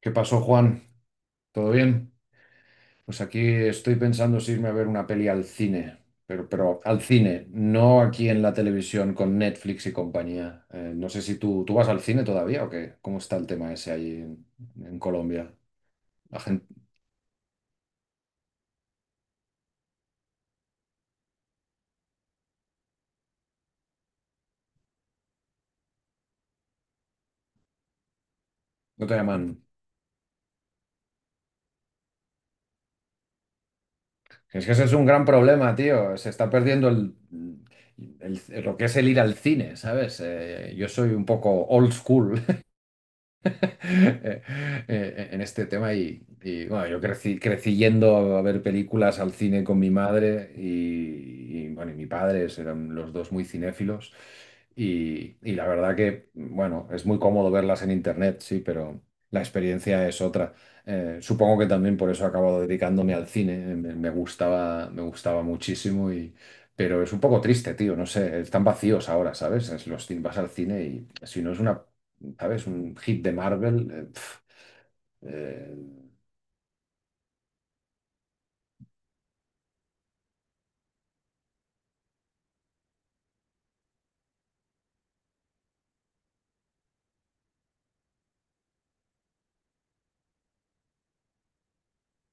¿Qué pasó, Juan? ¿Todo bien? Pues aquí estoy pensando si irme a ver una peli al cine, pero al cine, no aquí en la televisión con Netflix y compañía. No sé si tú vas al cine todavía o qué. ¿Cómo está el tema ese ahí en Colombia? La gente, no te llaman. Es que ese es un gran problema, tío. Se está perdiendo lo que es el ir al cine, ¿sabes? Yo soy un poco old school eh, en este tema bueno, yo crecí, crecí yendo a ver películas al cine con mi madre bueno, y mi padre eran los dos muy cinéfilos y la verdad que bueno, es muy cómodo verlas en internet, sí, pero la experiencia es otra. Supongo que también por eso he acabado dedicándome al cine, me gustaba muchísimo y pero es un poco triste, tío, no sé, están vacíos ahora, ¿sabes? Es los vas al cine y si no es una, ¿sabes? Un hit de Marvel. Eh,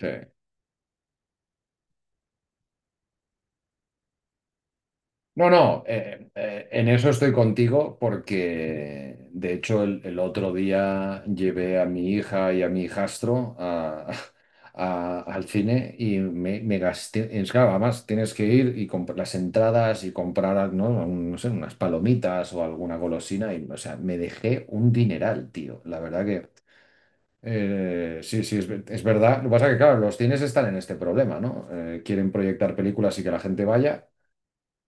sí. No, no, en eso estoy contigo porque de hecho el otro día llevé a mi hija y a mi hijastro al cine y me gasté, es claro, además tienes que ir y comprar las entradas y comprar, ¿no? No sé, unas palomitas o alguna golosina y, o sea, me dejé un dineral, tío, la verdad que... Sí, sí, es verdad. Lo que pasa es que, claro, los cines están en este problema, ¿no? Quieren proyectar películas y que la gente vaya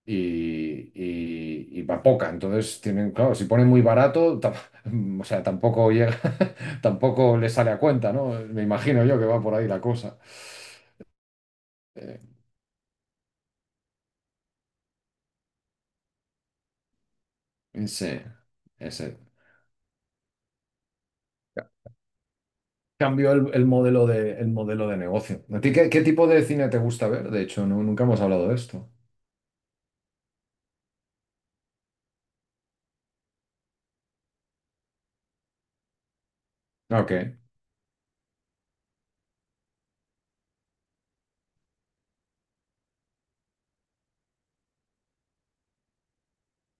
y va poca. Entonces, tienen, claro, si ponen muy barato, o sea, tampoco llega, tampoco les sale a cuenta, ¿no? Me imagino yo que va por ahí la cosa. Eh, sí, ese. Cambió el modelo de negocio. ¿A ti qué, qué tipo de cine te gusta ver? De hecho, nunca hemos hablado de esto. Ok.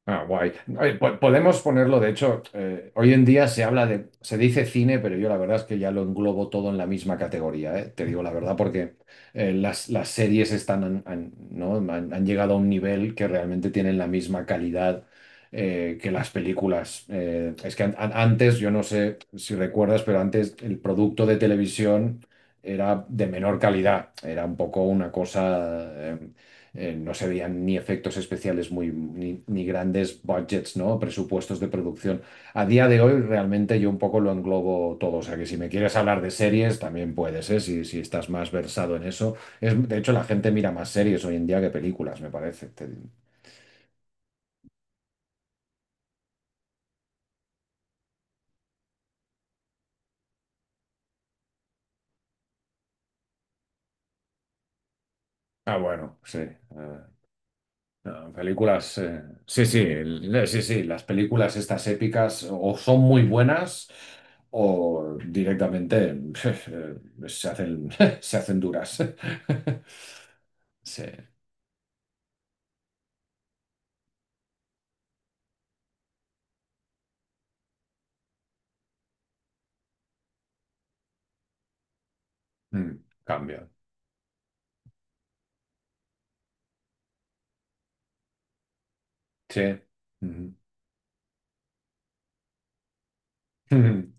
Ah, guay. Oye, podemos ponerlo, de hecho, hoy en día se habla de, se dice cine, pero yo la verdad es que ya lo englobo todo en la misma categoría, ¿eh? Te digo la verdad, porque las series ¿no? Han llegado a un nivel que realmente tienen la misma calidad que las películas. Es que antes, yo no sé si recuerdas, pero antes el producto de televisión era de menor calidad, era un poco una cosa no se veían ni efectos especiales muy, ni grandes budgets, ¿no? Presupuestos de producción. A día de hoy realmente yo un poco lo englobo todo. O sea que si me quieres hablar de series, también puedes, ¿eh? Si estás más versado en eso. Es, de hecho, la gente mira más series hoy en día que películas, me parece. Ah, bueno, sí. No, películas, sí, sí, sí, sí, las películas estas épicas o son muy buenas o directamente eh, se hacen, se hacen duras. Sí, mm, cambio. Sí. Ujú. Ujú.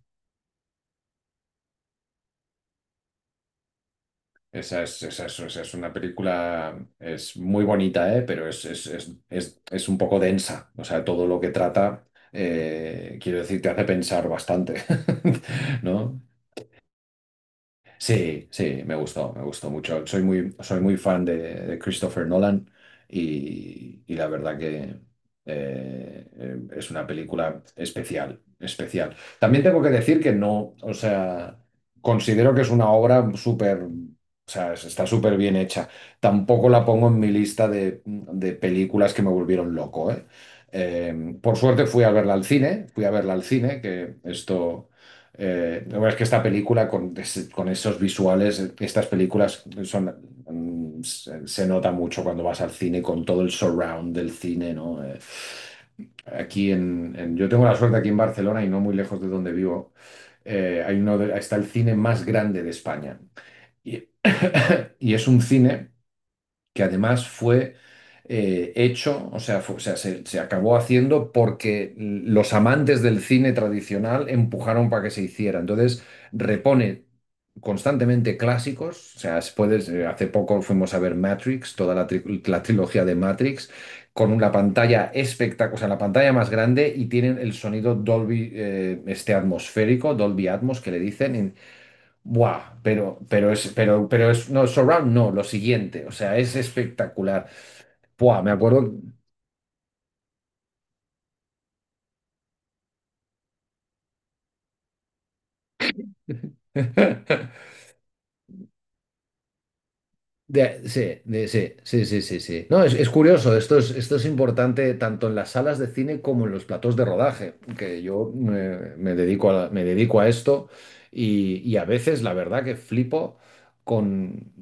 Esa es una película, es muy bonita, ¿eh? Pero es un poco densa. O sea, todo lo que trata, quiero decir, te hace pensar bastante, ¿no? Sí, sí, me gustó mucho. Soy muy fan de Christopher Nolan y la verdad que es una película especial, especial. También tengo que decir que no, o sea, considero que es una obra súper, o sea, está súper bien hecha. Tampoco la pongo en mi lista de películas que me volvieron loco, ¿eh? Por suerte fui a verla al cine, fui a verla al cine, que esto la verdad es que esta película con esos visuales, estas películas son, se, se nota mucho cuando vas al cine con todo el surround del cine, ¿no? Aquí yo tengo la suerte aquí en Barcelona y no muy lejos de donde vivo, hay uno de- está el cine más grande de España. Y, y es un cine que además fue hecho, o sea, o sea, se acabó haciendo porque los amantes del cine tradicional empujaron para que se hiciera. Entonces, repone constantemente clásicos, o sea, puedes, hace poco fuimos a ver Matrix, toda la trilogía de Matrix, con una pantalla espectacular, o sea, la pantalla más grande y tienen el sonido Dolby, este atmosférico, Dolby Atmos, que le dicen. Buah, pero es, no, surround no, lo siguiente, o sea, es espectacular. Buah, me acuerdo. Sí, sí, sí, sí, sí. No, es curioso, esto es importante tanto en las salas de cine como en los platos de rodaje, que yo me dedico a esto y a veces la verdad que flipo con,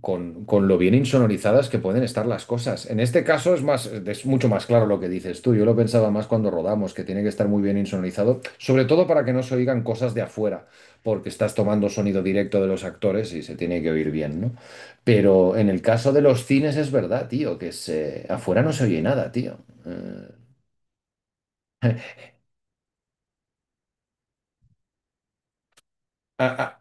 con lo bien insonorizadas que pueden estar las cosas. En este caso es mucho más claro lo que dices tú. Yo lo pensaba más cuando rodamos, que tiene que estar muy bien insonorizado, sobre todo para que no se oigan cosas de afuera, porque estás tomando sonido directo de los actores y se tiene que oír bien, ¿no? Pero en el caso de los cines es verdad, tío, que afuera no se oye nada, tío. Eh, a, a-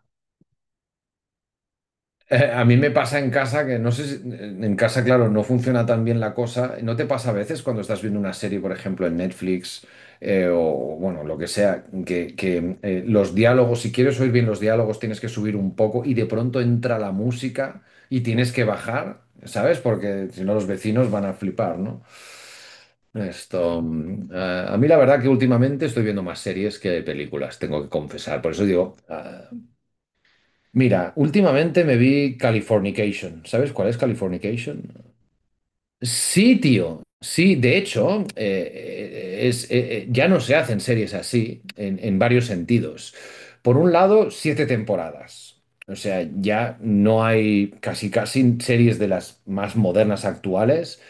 a mí me pasa en casa que no sé si, en casa, claro, no funciona tan bien la cosa. ¿No te pasa a veces cuando estás viendo una serie, por ejemplo, en Netflix o, bueno, lo que sea, los diálogos, si quieres oír bien los diálogos, tienes que subir un poco y de pronto entra la música y tienes que bajar, ¿sabes? Porque si no los vecinos van a flipar, ¿no? Esto, a mí la verdad que últimamente estoy viendo más series que películas, tengo que confesar. Por eso digo, ah, mira, últimamente me vi Californication. ¿Sabes cuál es Californication? Sí, tío. Sí, de hecho, ya no se hacen series así en varios sentidos. Por un lado, siete temporadas. O sea, ya no hay casi casi series de las más modernas actuales,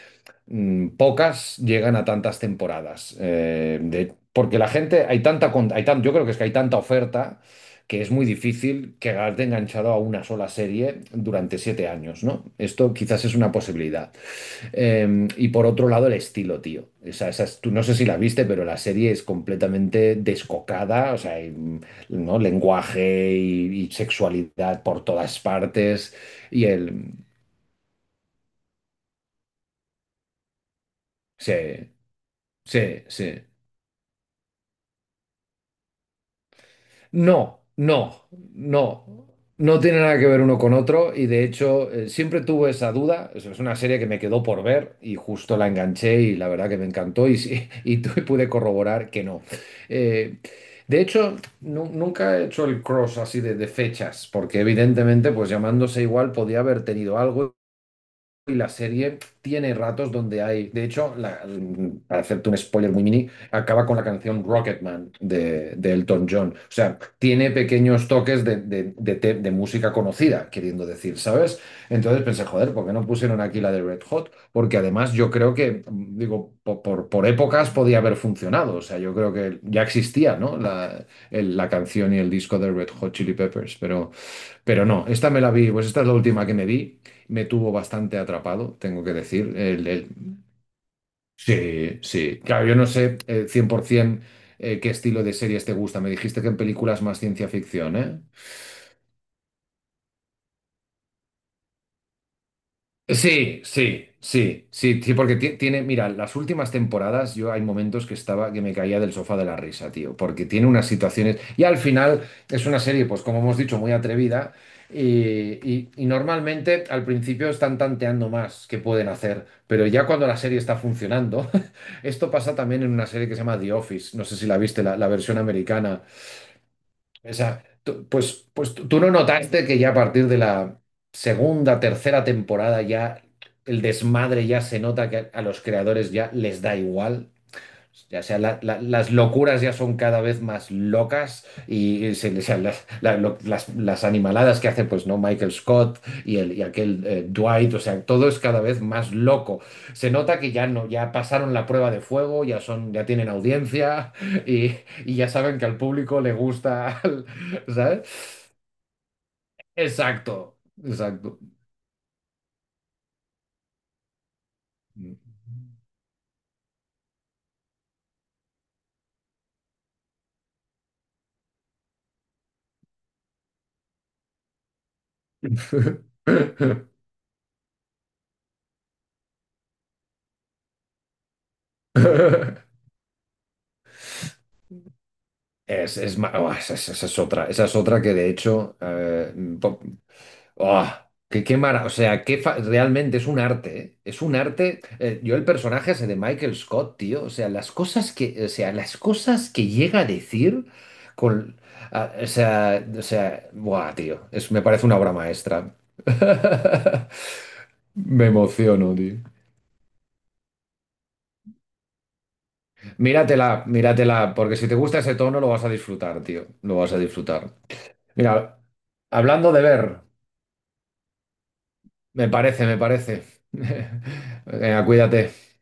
pocas llegan a tantas temporadas. Porque la gente, hay tanta, con- hay tan- yo creo que es que hay tanta oferta que es muy difícil quedarte enganchado a una sola serie durante 7 años, ¿no? Esto quizás es una posibilidad. Y por otro lado, el estilo, tío. Tú no sé si la viste, pero la serie es completamente descocada, o sea, ¿no? Lenguaje y sexualidad por todas partes. Y el... Sí, sí, sí. No, no, no. No tiene nada que ver uno con otro y de hecho siempre tuve esa duda. Es una serie que me quedó por ver y justo la enganché y la verdad que me encantó y, sí, pude corroborar que no. Eh, de hecho, nunca he hecho el cross así de fechas porque evidentemente pues llamándose igual podía haber tenido algo y la serie tiene ratos donde hay, de hecho, para hacerte un spoiler muy mini, acaba con la canción Rocketman de Elton John. O sea, tiene pequeños toques de música conocida, queriendo decir, ¿sabes? Entonces pensé, joder, ¿por qué no pusieron aquí la de Red Hot? Porque además yo creo que, mm, digo, por épocas podía haber funcionado. O sea, yo creo que ya existía, ¿no? La canción y el disco de Red Hot Chili Peppers, pero... Pero no, esta me la vi, pues esta es la última que me vi, me tuvo bastante atrapado, tengo que decir. Sí, sí. Claro, yo no sé 100% qué estilo de series te gusta. Me dijiste que en películas más ciencia ficción, ¿eh? Sí, sí, sí, sí, sí, porque tiene, mira, las últimas temporadas yo hay momentos que estaba, que me caía del sofá de la risa, tío, porque tiene unas situaciones y al final es una serie, pues como hemos dicho, muy atrevida y normalmente al principio están tanteando más qué pueden hacer, pero ya cuando la serie está funcionando, esto pasa también en una serie que se llama The Office, no sé si la viste, la versión americana, pues tú no notaste que ya a partir de la segunda, tercera temporada ya el desmadre ya se nota que a los creadores ya les da igual. Ya sea, las locuras ya son cada vez más locas y se, o sea, las, la- lo- las animaladas que hace, pues, ¿no? Michael Scott y aquel Dwight, o sea, todo es cada vez más loco. Se nota que ya no, ya pasaron la prueba de fuego, ya son, ya tienen audiencia y, y ya saben que al público le gusta, ¿sabes? Exacto, exacto. Oh, esa, esa es otra que de hecho, po- oh, o sea, realmente es un arte, ¿eh? Es un arte, yo el personaje ese de Michael Scott, tío, o sea, las cosas que, o sea, las cosas que llega a decir con, o sea, buah, tío, es, me parece una obra maestra. Me emociono, tío. Míratela, míratela, porque si te gusta ese tono lo vas a disfrutar, tío, lo vas a disfrutar. Mira, hablando de ver. Me parece, me parece. Venga, cuídate.